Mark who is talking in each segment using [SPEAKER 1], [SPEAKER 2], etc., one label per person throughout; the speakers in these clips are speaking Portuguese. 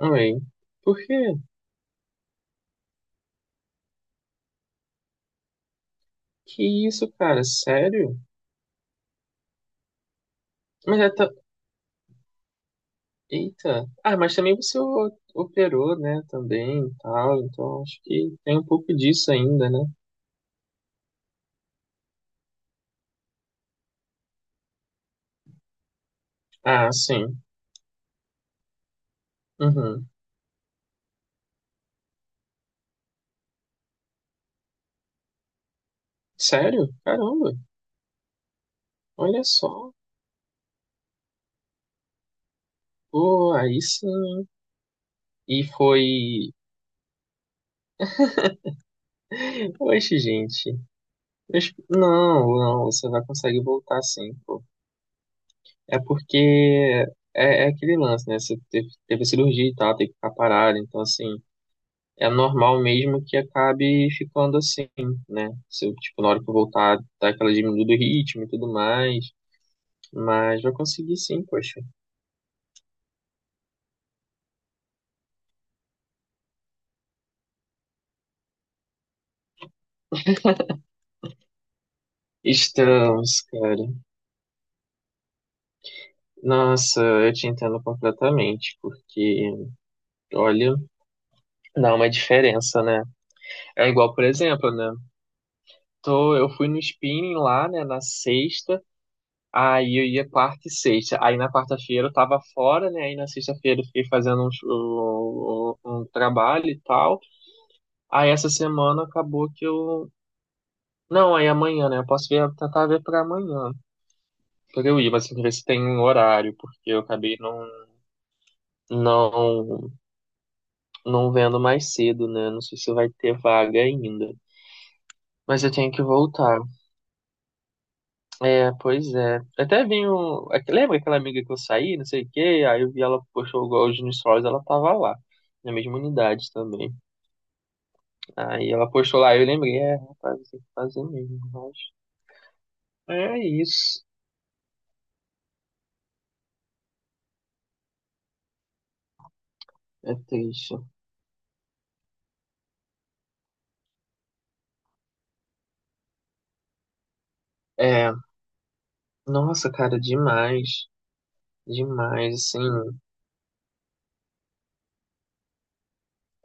[SPEAKER 1] Ai, por quê? Que isso, cara? Sério? Mas é ta- Eita. Ah, mas também você operou, né? Também e tal. Então acho que tem um pouco disso ainda, né? Ah, sim. Uhum. Sério? Caramba. Olha só. Pô, aí sim, hein? E foi. Oxe, gente. Mas Não, não, você vai conseguir voltar sim, pô. É porque é aquele lance, né? Você teve cirurgia e tal, tem que ficar parado. Então, assim, é normal mesmo que acabe ficando assim, né? Se eu, tipo, na hora que eu voltar, tá aquela diminuída do ritmo e tudo mais. Mas vai conseguir sim, poxa. Estamos, cara. Nossa, eu te entendo completamente, porque, olha, dá uma diferença, né? É igual, por exemplo, né? Eu fui no spinning lá, né, na sexta, aí eu ia quarta e sexta. Aí na quarta-feira eu tava fora, né? Aí na sexta-feira eu fiquei fazendo um trabalho e tal. Aí essa semana acabou que eu. Não, aí amanhã, né? Eu posso ver, tentar ver pra amanhã, pra eu ir, mas tem que ver se tem um horário, porque eu acabei não, não vendo mais cedo, né? Não sei se vai ter vaga ainda. Mas eu tenho que voltar. É, pois é. Até vi um. Lembra aquela amiga que eu saí, não sei o quê? Aí eu vi ela postou hoje no Stories, ela tava lá. Na mesma unidade também. Aí ela postou lá, eu lembrei, é, rapaz, tem que fazer mesmo, mas. É isso. É triste. É. Nossa, cara, demais. Demais, assim.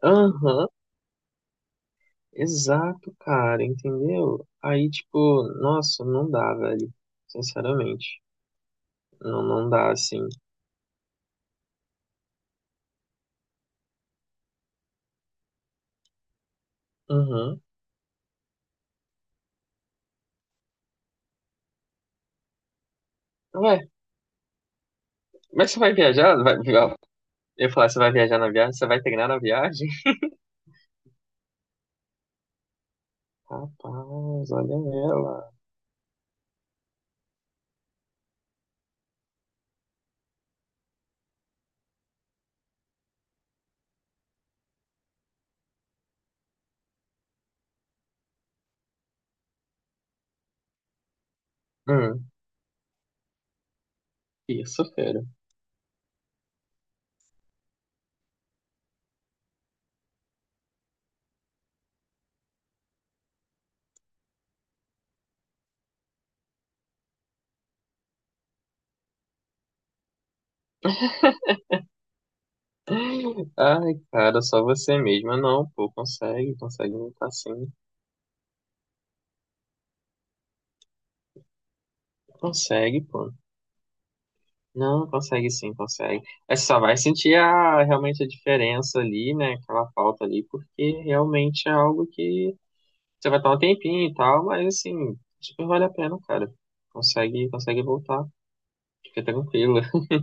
[SPEAKER 1] Aham, exato, cara, entendeu? Aí, tipo, nossa, não dá, velho. Sinceramente, não, não dá, assim. Uhum. Ué, mas você vai viajar? Vai, eu ia falar, você vai viajar na viagem? Você vai treinar na viagem? Rapaz, olha ela. Hum, isso, fera. Ai, cara, só você mesma não, pô, consegue, consegue lutar sim. Consegue, pô. Não, consegue sim, consegue. É só vai sentir a, realmente a diferença ali, né? Aquela falta ali, porque realmente é algo que você vai estar um tempinho e tal, mas assim, super vale a pena, cara. Consegue, consegue voltar, fica tranquila.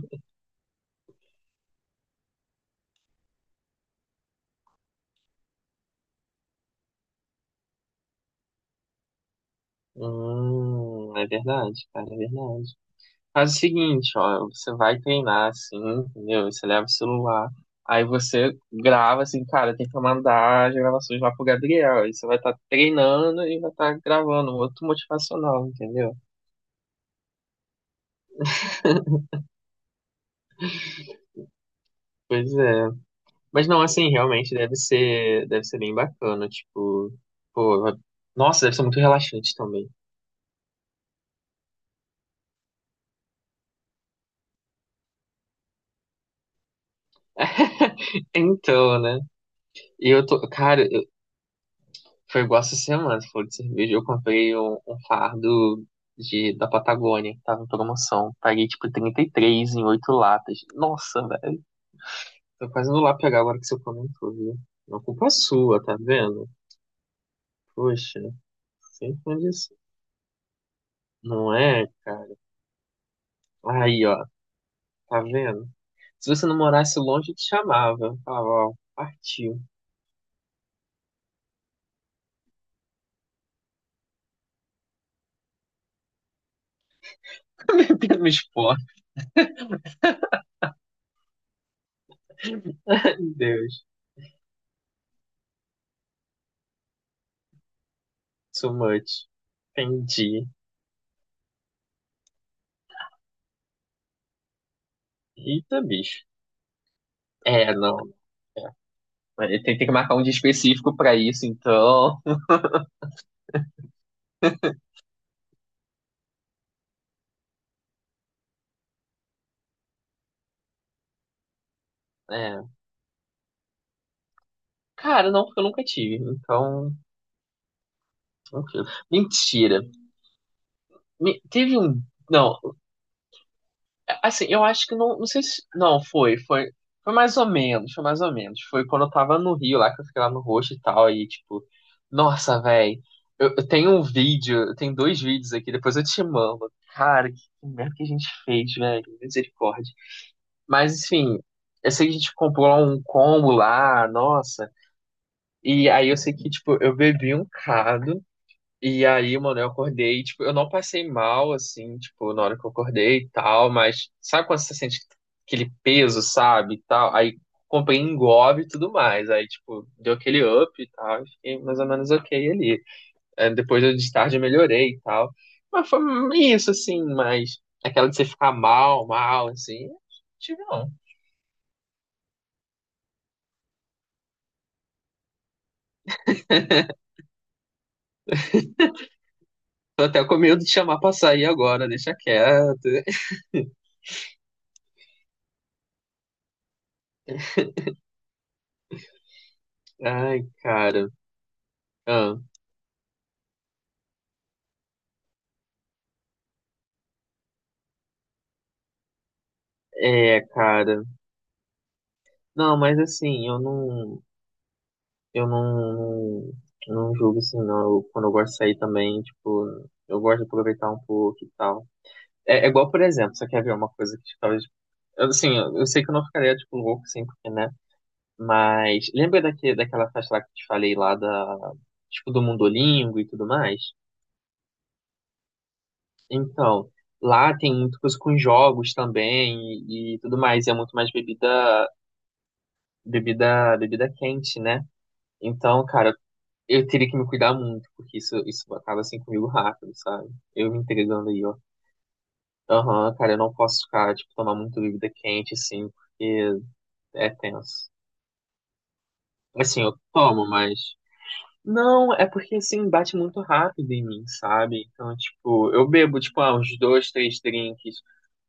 [SPEAKER 1] É verdade, cara, é verdade. Faz o seguinte, ó, você vai treinar assim, entendeu? Você leva o celular, aí você grava assim, cara, tem que mandar as gravações lá pro Gabriel. Aí você vai estar treinando e vai estar gravando um outro motivacional, entendeu? Pois é. Mas não, assim, realmente deve ser bem bacana, tipo, pô, nossa, deve ser muito relaxante também. Então, né? E eu tô, cara. Foi igual essa semana, você falou de cerveja. Eu comprei um fardo da Patagônia, que tava em promoção. Paguei tipo 33 em 8 latas. Nossa, velho. Tô quase indo lá pegar agora que você comentou, viu? Não é culpa sua, tá vendo? Poxa, sem condição. Não é, cara? Aí, ó, tá vendo? Se você não morasse longe, eu te chamava. Eu falava, ó, partiu. Bebendo no esporte. Ai, Deus. So much. Entendi. Eita, bicho. É, não. Ele tem que marcar um dia específico pra isso, então. É. Cara, não, porque eu nunca tive. Então. Tranquilo. Mentira. Teve um. Não, assim, eu acho que não. Não sei se. Não, foi. Foi mais ou menos, foi mais ou menos. Foi quando eu tava no Rio lá, que eu fiquei lá no Roxo e tal, aí, tipo. Nossa, velho. Eu tenho um vídeo, eu tenho dois vídeos aqui, depois eu te mando. Cara, que merda que a gente fez, velho. Misericórdia. Mas, enfim, eu sei que a gente comprou lá um combo lá, nossa. E aí eu sei que, tipo, eu bebi um cado. E aí, mano, eu acordei, tipo, eu não passei mal, assim, tipo, na hora que eu acordei e tal, mas sabe quando você sente aquele peso, sabe, e tal? Aí comprei Engov e tudo mais, aí, tipo, deu aquele up e tal, e fiquei mais ou menos ok ali. É, depois eu, de tarde eu melhorei e tal, mas foi isso, assim, mas aquela de você ficar mal, mal, assim, não tive não. Tô até com medo de chamar pra sair agora, deixa quieto. Ai, cara. Ah. É, cara. Não, mas assim, eu não, eu não julgo assim, não. Quando eu gosto de sair também, tipo, eu gosto de aproveitar um pouco e tal. É igual, por exemplo, você quer ver uma coisa que tipo, talvez. Assim, eu sei que eu não ficaria, tipo, louco, assim, porque, né? Mas lembra daquela festa lá que eu te falei lá da, tipo, do Mundolingo e tudo mais? Então, lá tem muita coisa com jogos também e tudo mais. E é muito mais bebida quente, né? Então, cara, eu teria que me cuidar muito, porque isso acaba assim comigo rápido, sabe? Eu me entregando aí, ó. Aham, cara, eu não posso ficar, tipo, tomar muito bebida quente, assim, porque é tenso. Assim, eu tomo, mas. Não, é porque, assim, bate muito rápido em mim, sabe? Então, tipo, eu bebo, tipo, ah, uns dois, três drinks.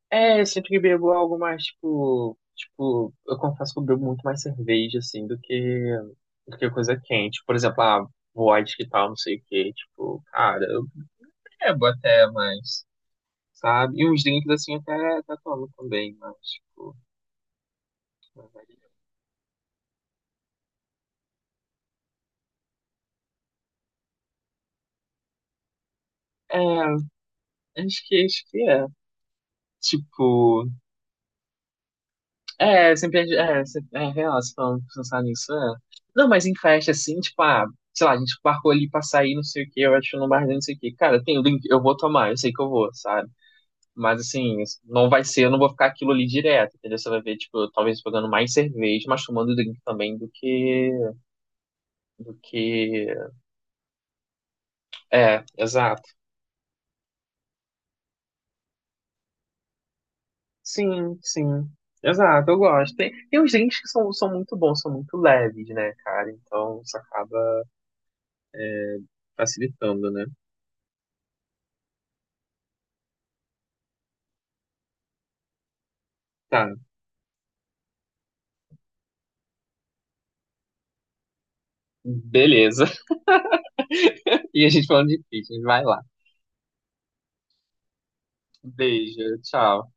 [SPEAKER 1] É, eu sempre bebo algo mais, tipo. Tipo, eu confesso que eu bebo muito mais cerveja, assim, do que. Do que coisa quente. Por exemplo, ah, vodka e tal, não sei o quê. Tipo, cara, eu. É, até, mas, sabe? E uns drinks assim até tomo também, mas, tipo, não varia. É, acho que é. Tipo, é, sempre, é, sempre- é real, se falando, pensar nisso, é. Não, mas em festa, assim, tipo, ah, sei lá, a gente marcou ali pra sair, não sei o que, eu acho no barzinho, não sei o que. Cara, tem o drink, eu vou tomar, eu sei que eu vou, sabe? Mas, assim, não vai ser, eu não vou ficar aquilo ali direto, entendeu? Você vai ver, tipo, talvez pegando mais cerveja, mas tomando drink também do que, é, exato. Sim, sim. Exato, eu gosto. Tem uns drinks que são muito bons, são muito leves, né, cara? Então isso acaba facilitando, né? Tá, beleza. E a gente falando de pizza vai lá. Beijo, tchau.